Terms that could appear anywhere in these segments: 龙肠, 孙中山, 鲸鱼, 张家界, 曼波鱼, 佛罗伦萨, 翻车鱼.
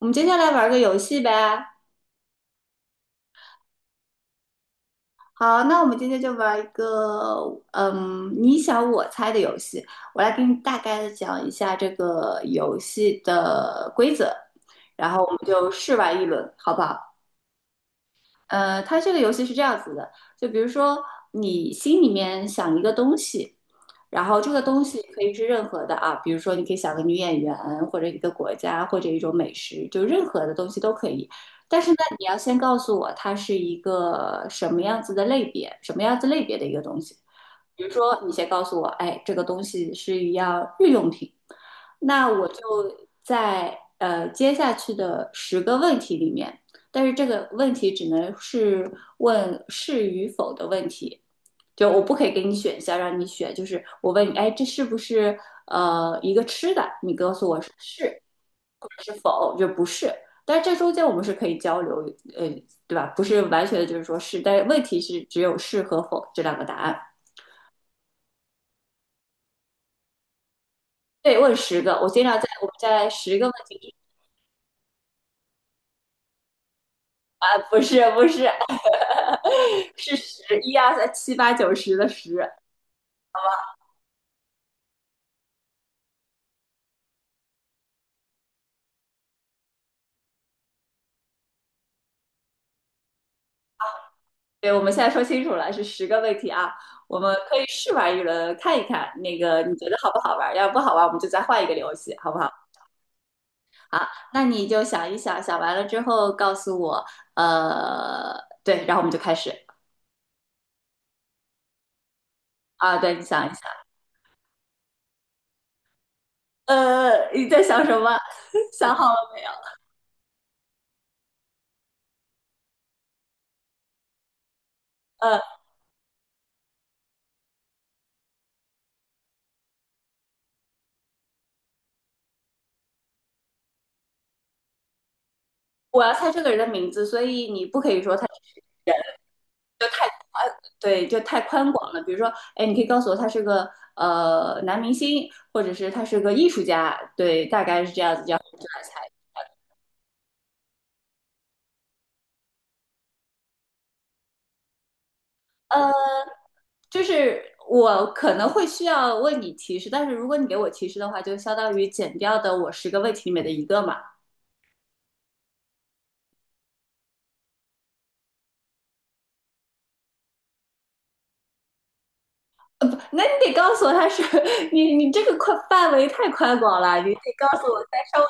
我们今天来玩个游戏呗。好，那我们今天就玩一个，你想我猜的游戏。我来给你大概的讲一下这个游戏的规则，然后我们就试玩一轮，好不好？它这个游戏是这样子的，就比如说你心里面想一个东西，然后这个东西可以是任何的啊，比如说你可以想个女演员，或者一个国家，或者一种美食，就任何的东西都可以。但是呢，你要先告诉我它是一个什么样子的类别，什么样子类别的一个东西。比如说，你先告诉我，哎，这个东西是一样日用品，那我就在接下去的十个问题里面。但是这个问题只能是问是与否的问题，就我不可以给你选项让你选，就是我问你，哎，这是不是一个吃的？你告诉我是是否，就不是。但是这中间我们是可以交流，呃，对吧？不是完全的就是说是，但是问题是只有是和否这两个答案。对，问十个，我经常我们在十个问题啊，不是不是，是十一二三七八九十的十。对，我们现在说清楚了，是十个问题啊，我们可以试玩一轮，看一看那个你觉得好不好玩儿，要是不好玩儿我们就再换一个游戏，好不好？那你就想一想，想完了之后告诉我，呃，对，然后我们就开始。啊，对，你想一想，你在想什么？想好了没有？呃，我要猜这个人的名字，所以你不可以说他就太对，就太宽广了。比如说，哎，你可以告诉我他是个男明星，或者是他是个艺术家，对，大概是这样子，这样我们就来猜。呃，就是我可能会需要为你提示，但是如果你给我提示的话，就相当于减掉的我十个问题里面的一个嘛。不，那你得告诉我他是。 你这个宽范围太宽广了，你得告诉我再稍微。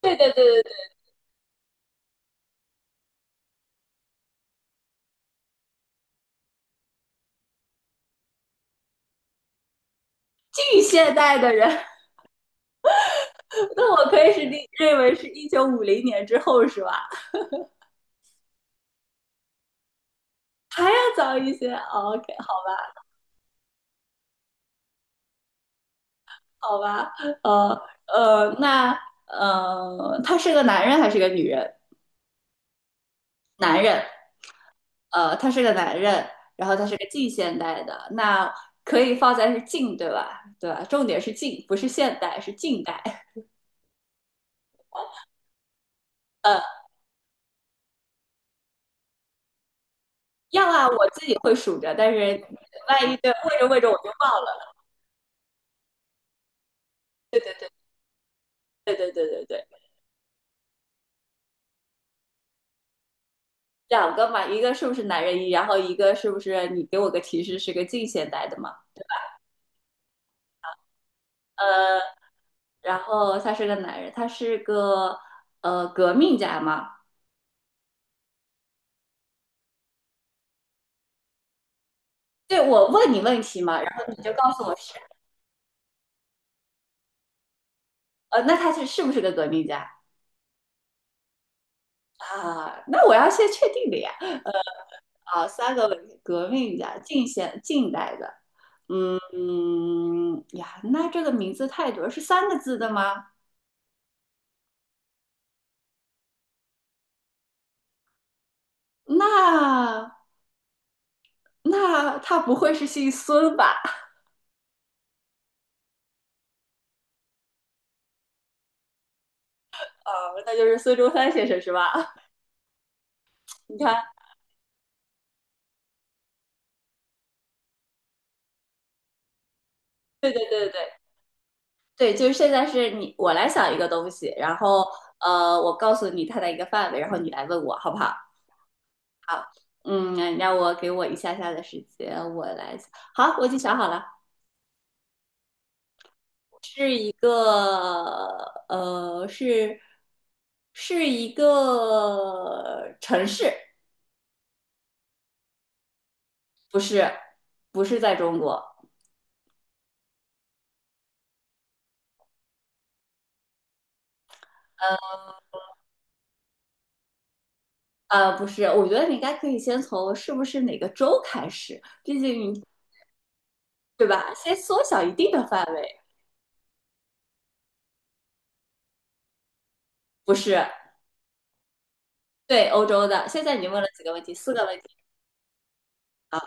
对对对对对，近现代的人，那我可以是认为是1950年之后是吧？再早一些。 o k 好吧，那他是个男人还是个女人？男人，他是个男人，然后他是个近现代的，那可以放在是近，对吧？对吧？重点是近，不是现代，是近代。呃，要啊，我自己会数着，但是万一对问着问着我就忘了。对对对对对对对对，两个嘛，一个是不是男人一，然后一个是不是你给我个提示是个近现代的嘛？呃，然后他是个男人，他是个革命家嘛？对，我问你问题嘛，然后你就告诉我是，那他是不是个革命家？啊，那我要先确定的呀。啊，三个文革命家，近现近代的，嗯呀，那这个名字太多，是三个字的吗？那那他不会是姓孙吧？啊，那就是孙中山先生是吧？你看，对对对对对，就是现在是你我来想一个东西，然后我告诉你它的一个范围，然后你来问我好不好？好，嗯，让我给我一下下的时间，我来想。好，我已经想好了。是一个呃，是是一个城市，不是，不是在中国，不是，我觉得你应该可以先从是不是哪个州开始，毕竟对吧？先缩小一定的范围，不是。对，欧洲的。现在你问了几个问题？四个问题啊，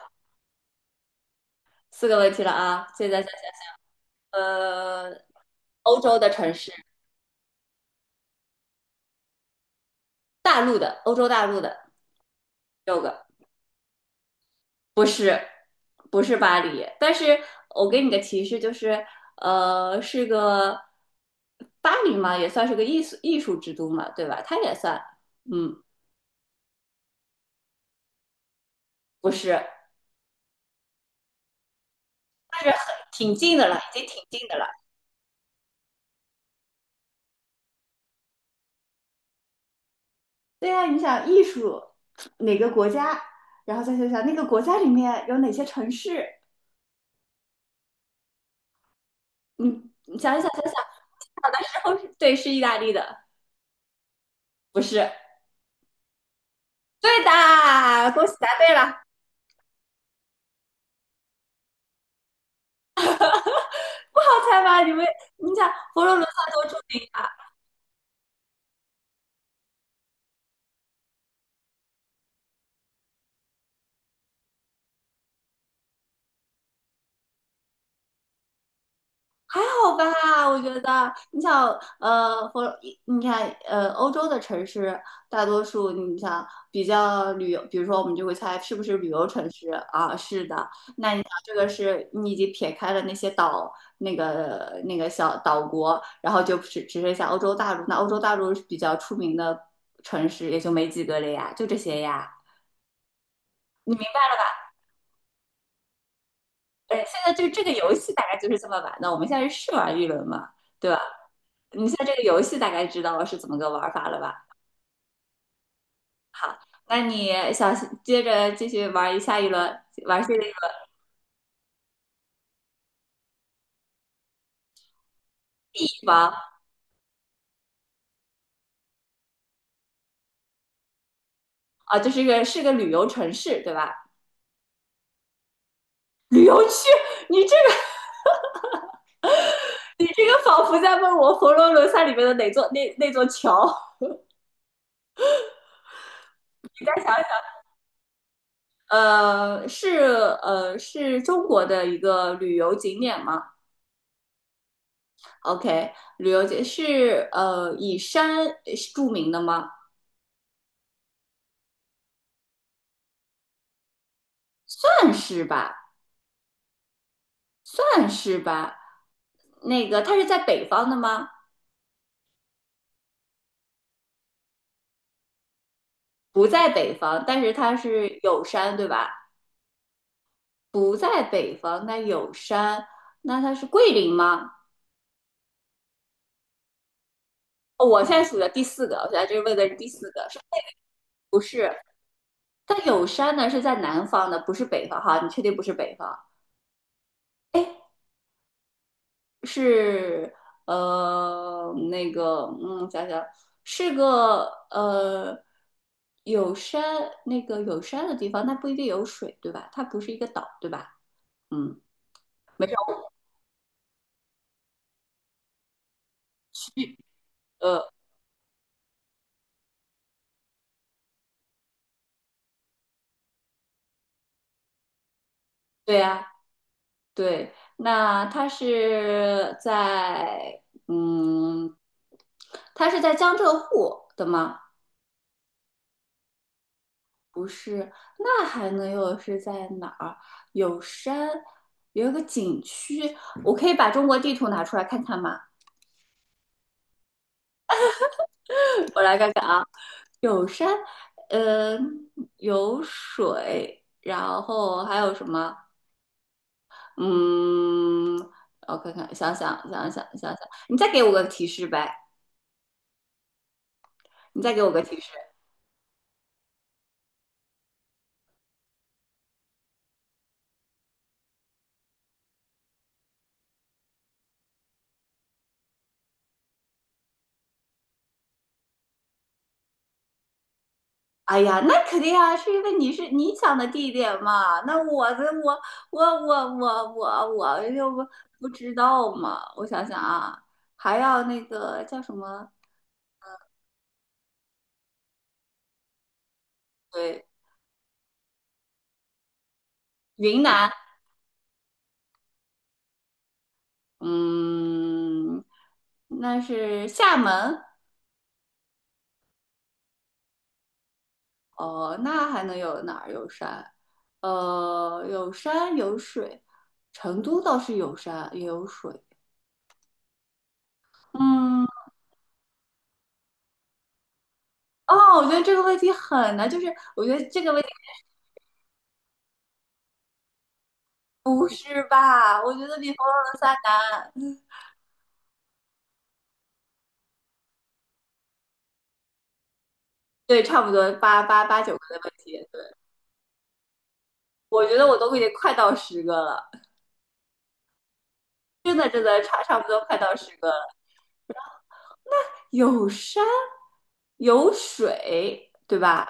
四个问题了啊。现在想想，呃，欧洲的城市，大陆的，欧洲大陆的六个，不是，不是巴黎，但是我给你个提示，就是是个巴黎嘛，也算是个艺术之都嘛，对吧？它也算，嗯，不是，但是很，挺近的了，已经挺近的了。对呀、你想艺术哪个国家，然后再想想那个国家里面有哪些城市，你你想一想，想一想，小的时候是。对，是意大利的，不是。对的，恭喜答对了，不好猜吧？你们，你想佛罗伦萨多住。好吧，我觉得你想，呃，或你看，欧洲的城市大多数，你想比较旅游，比如说我们就会猜是不是旅游城市啊？是的，那你想这个是你已经撇开了那些岛，那个小岛国，然后就只剩下欧洲大陆。那欧洲大陆比较出名的城市也就没几个了呀，就这些呀。现在就这个游戏大概就是这么玩的，我们现在是试玩一轮嘛，对吧？你现在这个游戏大概知道是怎么个玩法了吧？那你想接着继续玩一下一轮，玩下一个地方。啊，就是个旅游城市，对吧？旅游区，你这个你这个仿佛在问我《佛罗伦萨》里面的哪座那那座桥？呃，是是中国的一个旅游景点吗？OK，旅游景是以山著名的吗？算是吧，算是吧。那个它是在北方的吗？不在北方，但是它是有山，对吧？不在北方，那有山，那它是桂林吗？哦，我现在数的第四个，我现在这问的是第四个，是不是？但有山呢是在南方的，不是北方哈，你确定不是北方？哎，是那个嗯，想想是个呃有山那个有山的地方，那不一定有水对吧？它不是一个岛对吧？嗯，没事，呃，对呀、对，那他是在嗯，他是在江浙沪的吗？不是，那还能有是在哪儿？有山，有一个景区，我可以把中国地图拿出来看看吗？我来看看啊，有山，嗯，有水，然后还有什么？嗯，我看看，想想想想想想，你再给我个提示呗，你再给我个提示。哎呀，那肯定啊，是因为你是你想的地点嘛。那我的我我我我我我就不知道嘛。我想想啊，还要那个叫什么？对，云南，嗯，那是厦门。哦，那还能有哪儿有山？有山有水，成都倒是有山也有水。嗯，哦，我觉得这个问题很难，就是我觉得这个问题。不是吧？我觉得比《佛罗伦萨》难。对，差不多八九个的问题。我觉得我都已经快到十个了，真的真的差不多快到十个了。有山，有水，对吧？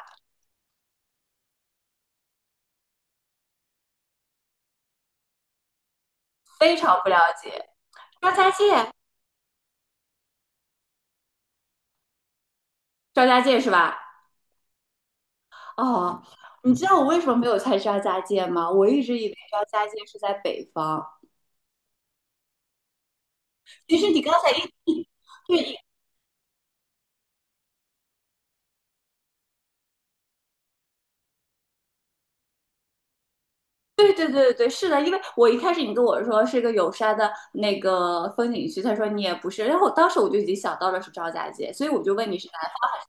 非常不了解。张家界，张家界是吧？哦，你知道我为什么没有猜张家界吗？我一直以为张家界是在北方。其实你刚才对对对对对，对，是的，因为我一开始你跟我说是一个有山的那个风景区，他说你也不是，然后我当时我就已经想到了是张家界，所以我就问你是南方。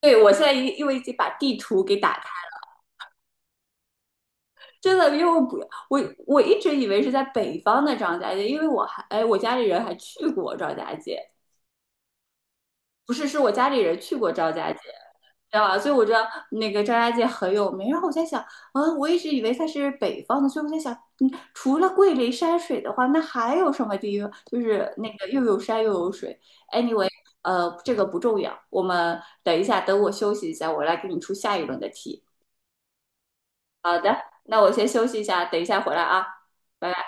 对，我现在因为已经把地图给打开，真的，因为我不我我一直以为是在北方的张家界，因为我哎，我家里人还去过张家界，不是，是我家里人去过张家界，知道吧？所以我知道那个张家界很有名。然后我在想，啊，我一直以为它是北方的，所以我在想，嗯，除了桂林山水的话，那还有什么地方就是那个又有山又有水？Anyway，这个不重要。我们等一下，等我休息一下，我来给你出下一轮的题。那我先休息一下，等一下回来啊，拜拜。